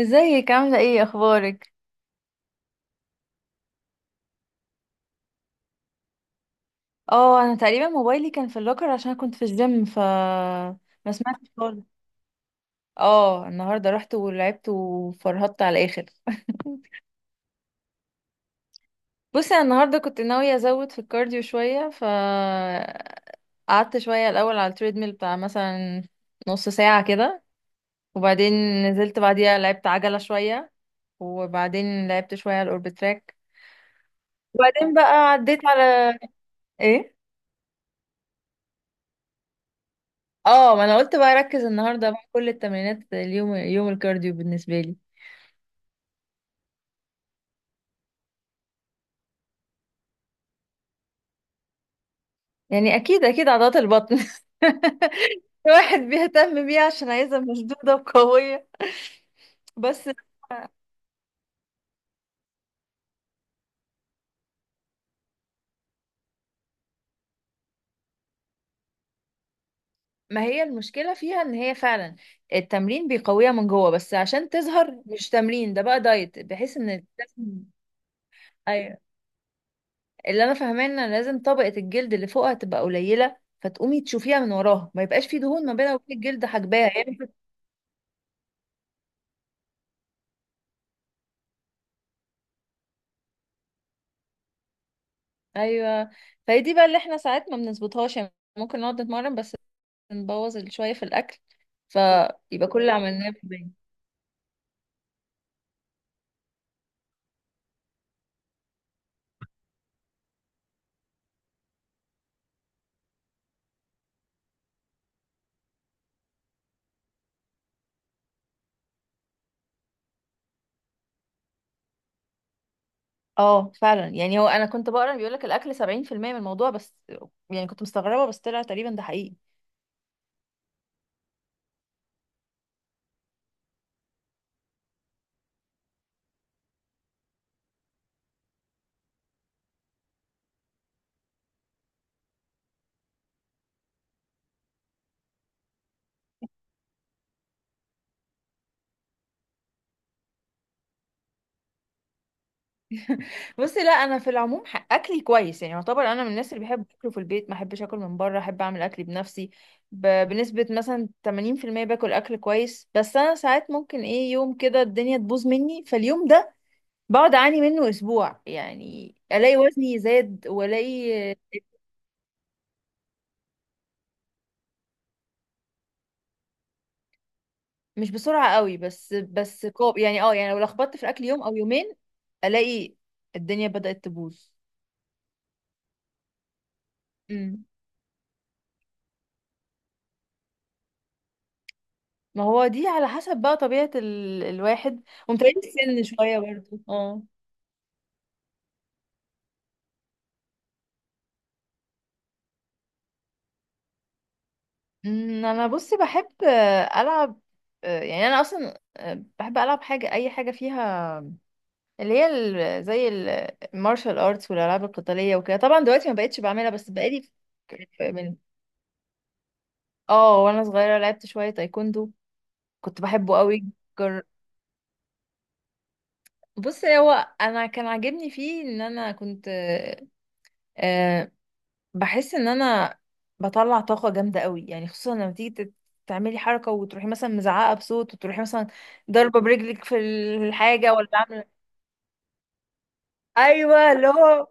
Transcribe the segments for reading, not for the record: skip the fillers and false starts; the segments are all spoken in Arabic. ازيك عاملة ايه اخبارك؟ اه، انا تقريبا موبايلي كان في اللوكر عشان كنت في الجيم، ف ما سمعتش خالص. اه النهارده رحت ولعبت وفرهدت على الاخر بصي، انا النهارده كنت ناوية ازود في الكارديو شوية، ف قعدت شوية الاول على التريدميل بتاع مثلا نص ساعة كده، وبعدين نزلت بعديها لعبت عجلة شوية، وبعدين لعبت شوية على الاوربت تراك، وبعدين بقى عديت على ايه. اه، ما انا قلت بقى اركز النهارده، بقى كل التمرينات اليوم يوم الكارديو بالنسبه لي. يعني اكيد اكيد عضلات البطن الواحد بيهتم بيها عشان عايزها مشدوده وقويه بس. ما هي المشكله فيها ان هي فعلا التمرين بيقويها من جوه، بس عشان تظهر مش تمرين، ده بقى دايت، بحيث ان لازم. ايوه، اللي انا فاهماه ان لازم طبقه الجلد اللي فوقها تبقى قليله، فتقومي تشوفيها من وراها، ما يبقاش في دهون ما بينها وبين الجلد حجباها يعني. ايوه، فهي دي بقى اللي احنا ساعات ما بنظبطهاش يعني. ممكن نقعد نتمرن بس نبوظ شويه في الاكل، فيبقى كل اللي عملناه في البيت. اه فعلا، يعني هو انا كنت بقرا بيقول لك الاكل 70% من الموضوع بس. يعني كنت مستغربه، بس طلع تقريبا ده حقيقي. بصي، لا انا في العموم اكلي كويس، يعني يعتبر انا من الناس اللي بحب اكله في البيت، ما احبش اكل من بره، احب اعمل اكلي بنفسي. بنسبه مثلا 80% باكل اكل كويس، بس انا ساعات ممكن ايه يوم كده الدنيا تبوظ مني، فاليوم ده بقعد اعاني منه اسبوع، يعني الاقي وزني زاد والاقي. مش بسرعه قوي، بس كوب يعني، اه يعني لو لخبطت في الاكل يوم او يومين الاقي الدنيا بدات تبوظ. امم، ما هو دي على حسب بقى طبيعه الواحد، ومتهيألي السن شويه برضه، اه. أمم، انا بصي بحب، العب، يعني انا اصلا بحب العب حاجه، اي حاجه فيها اللي هي زي المارشال ارتس والالعاب القتاليه وكده. طبعا دلوقتي ما بقتش بعملها بس بقالي. من، اه وانا صغيره لعبت شويه تايكوندو. كنت بحبه قوي. جر... بص، هو انا كان عاجبني فيه ان انا كنت، آه بحس ان انا بطلع طاقه جامده قوي يعني، خصوصا لما تيجي تعملي حركه وتروحي مثلا مزعقه بصوت، وتروحي مثلا ضربه برجلك في الحاجه ولا عامله. ايوه اللي هو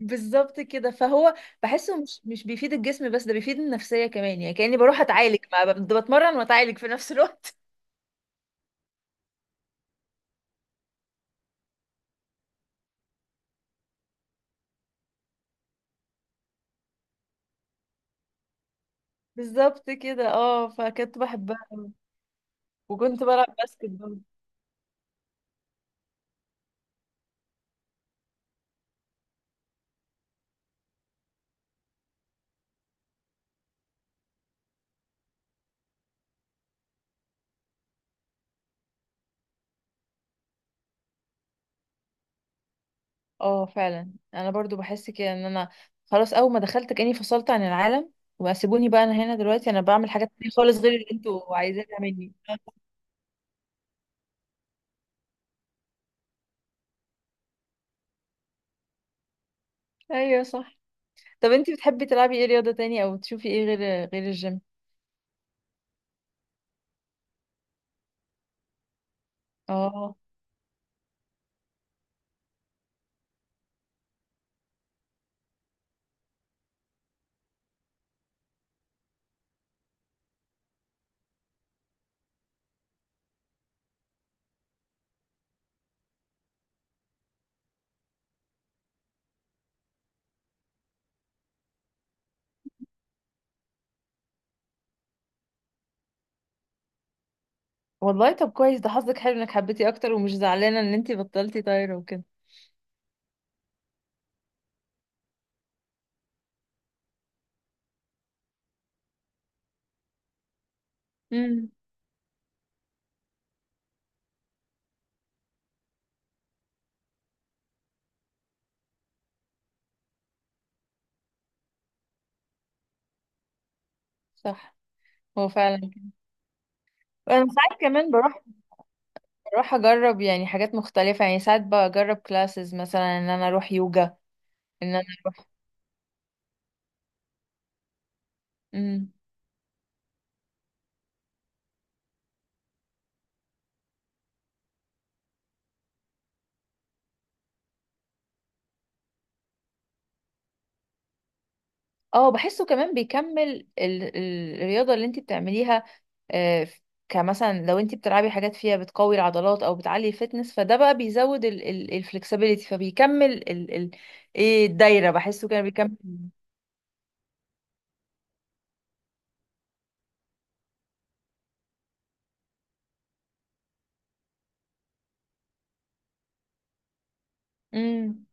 بالظبط كده، فهو بحسه مش مش بيفيد الجسم بس، ده بيفيد النفسية كمان، يعني كأني بروح أتعالج، مع بتمرن وأتعالج في نفس الوقت. بالظبط كده، اه، فكنت بحبها. وكنت بلعب باسكت برضه. اه فعلا انا برضو بحس كده، ان انا خلاص اول ما دخلت كأني فصلت عن العالم، واسيبوني بقى انا هنا دلوقتي انا بعمل حاجات تانية خالص غير اللي انتوا عايزينها مني ايوه صح. طب انتي بتحبي تلعبي ايه رياضة تانية او تشوفي ايه غير غير الجيم؟ اه والله، طب كويس، ده حظك حلو انك حبيتي اكتر ومش زعلانه ان انتي بطلتي طايره وكده. امم، صح، هو فعلا كده. انا ساعات كمان بروح اجرب يعني حاجات مختلفه، يعني ساعات بجرب كلاسز، مثلا ان انا اروح يوجا، ان انا. امم، اه بحسه كمان بيكمل الرياضه اللي انتي بتعمليها، آه، ف- كمثلا لو انتي بتلعبي حاجات فيها بتقوي العضلات او بتعلي الفتنس، فده بقى بيزود الفلكسبيليتي، فبيكمل ايه، الدايره، بحسه كده بيكمل. امم،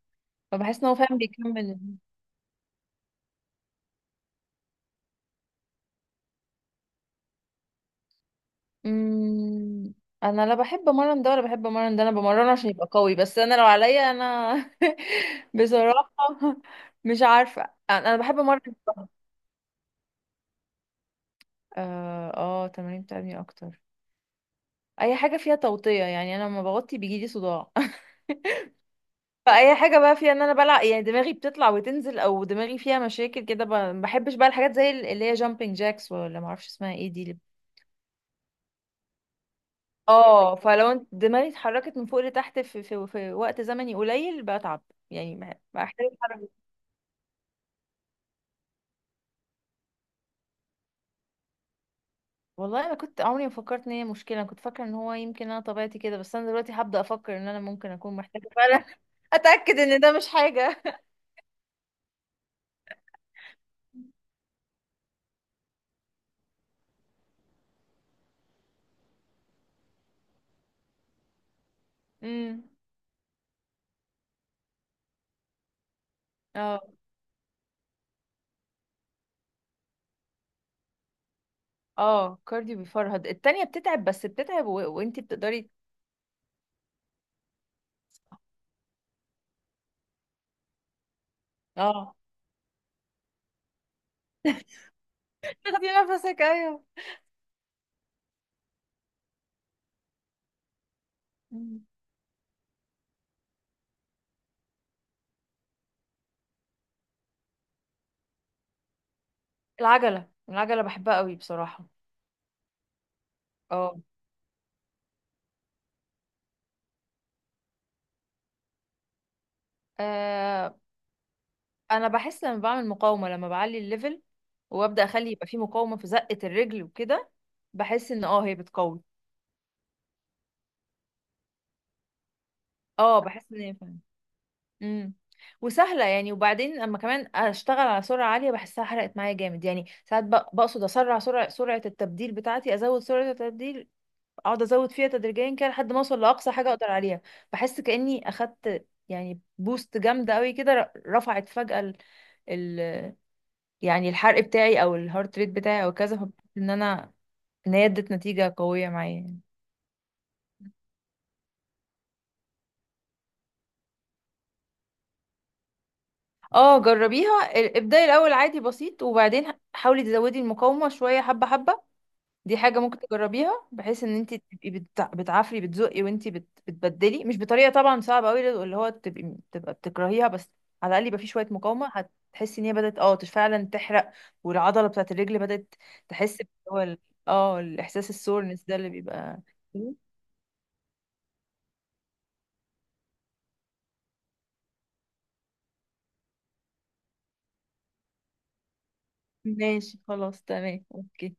فبحس ان هو فعلا بيكمل. امم، انا لا بحب امرن ده ولا بحب امرن ده، انا بمرنه عشان يبقى قوي، بس انا لو عليا انا بصراحة مش عارفة. أنا بحب امرن الظهر. اه اه، تمارين بتعبني اكتر اي حاجة فيها توطية، يعني انا لما بغطي بيجيلي صداع فاي حاجة بقى فيها ان انا بلع، يعني دماغي بتطلع وتنزل او دماغي فيها مشاكل كده، ما بحبش بقى الحاجات زي اللي هي جامبينج جاكس ولا ما اعرفش اسمها ايه دي. اه، دماغي اتحركت من فوق لتحت في وقت زمني قليل بتعب، يعني بحتاج اتحرك. والله انا كنت عمري ما فكرت ان هي مشكله، انا كنت فاكره ان هو يمكن انا طبيعتي كده، بس انا دلوقتي هبدا افكر ان انا ممكن اكون محتاجه فعلا اتاكد ان ده مش حاجه. امم. اه اه، كارديو بيفرهد، التانية بتتعب بس بتتعب وانتي بتقدري. اه تاخدي نفسك، ايوه. مم. العجلة بحبها قوي بصراحة. اه. آه، انا بحس لما بعمل مقاومه، لما بعلي الليفل، وابدا اخلي يبقى في مقاومه في زقه الرجل وكده، بحس ان اه هي بتقوي. اه بحس ان هي فعلا، امم، وسهله يعني. وبعدين اما كمان اشتغل على سرعه عاليه بحسها حرقت معايا جامد، يعني ساعات بقصد اسرع سرعه التبديل بتاعتي، ازود سرعه التبديل، اقعد ازود فيها تدريجيا كده لحد ما اوصل لاقصى حاجه اقدر عليها. بحس كاني اخدت يعني بوست جامده قوي كده، رفعت فجاه ال... يعني الحرق بتاعي او الهارت ريت بتاعي او كذا، فبحس ان انا، ان هي ادت نتيجة قوية معايا يعني. اه جربيها. ابدأي الاول عادي بسيط، وبعدين حاولي تزودي المقاومة شوية، حبة حبة، دي حاجة ممكن تجربيها، بحيث ان انت تبقي بتعافري بتزقي، وانت بتبدلي، مش بطريقة طبعا صعبة قوي اللي هو تبقى بتكرهيها، بس على الاقل يبقى في شوية مقاومة. هتحسي ان هي بدأت اه فعلا تحرق، والعضلة بتاعت الرجل بدأت تحس هو اه الاحساس، السورنس ده اللي بيبقى. ماشي خلاص، تمام، اوكي.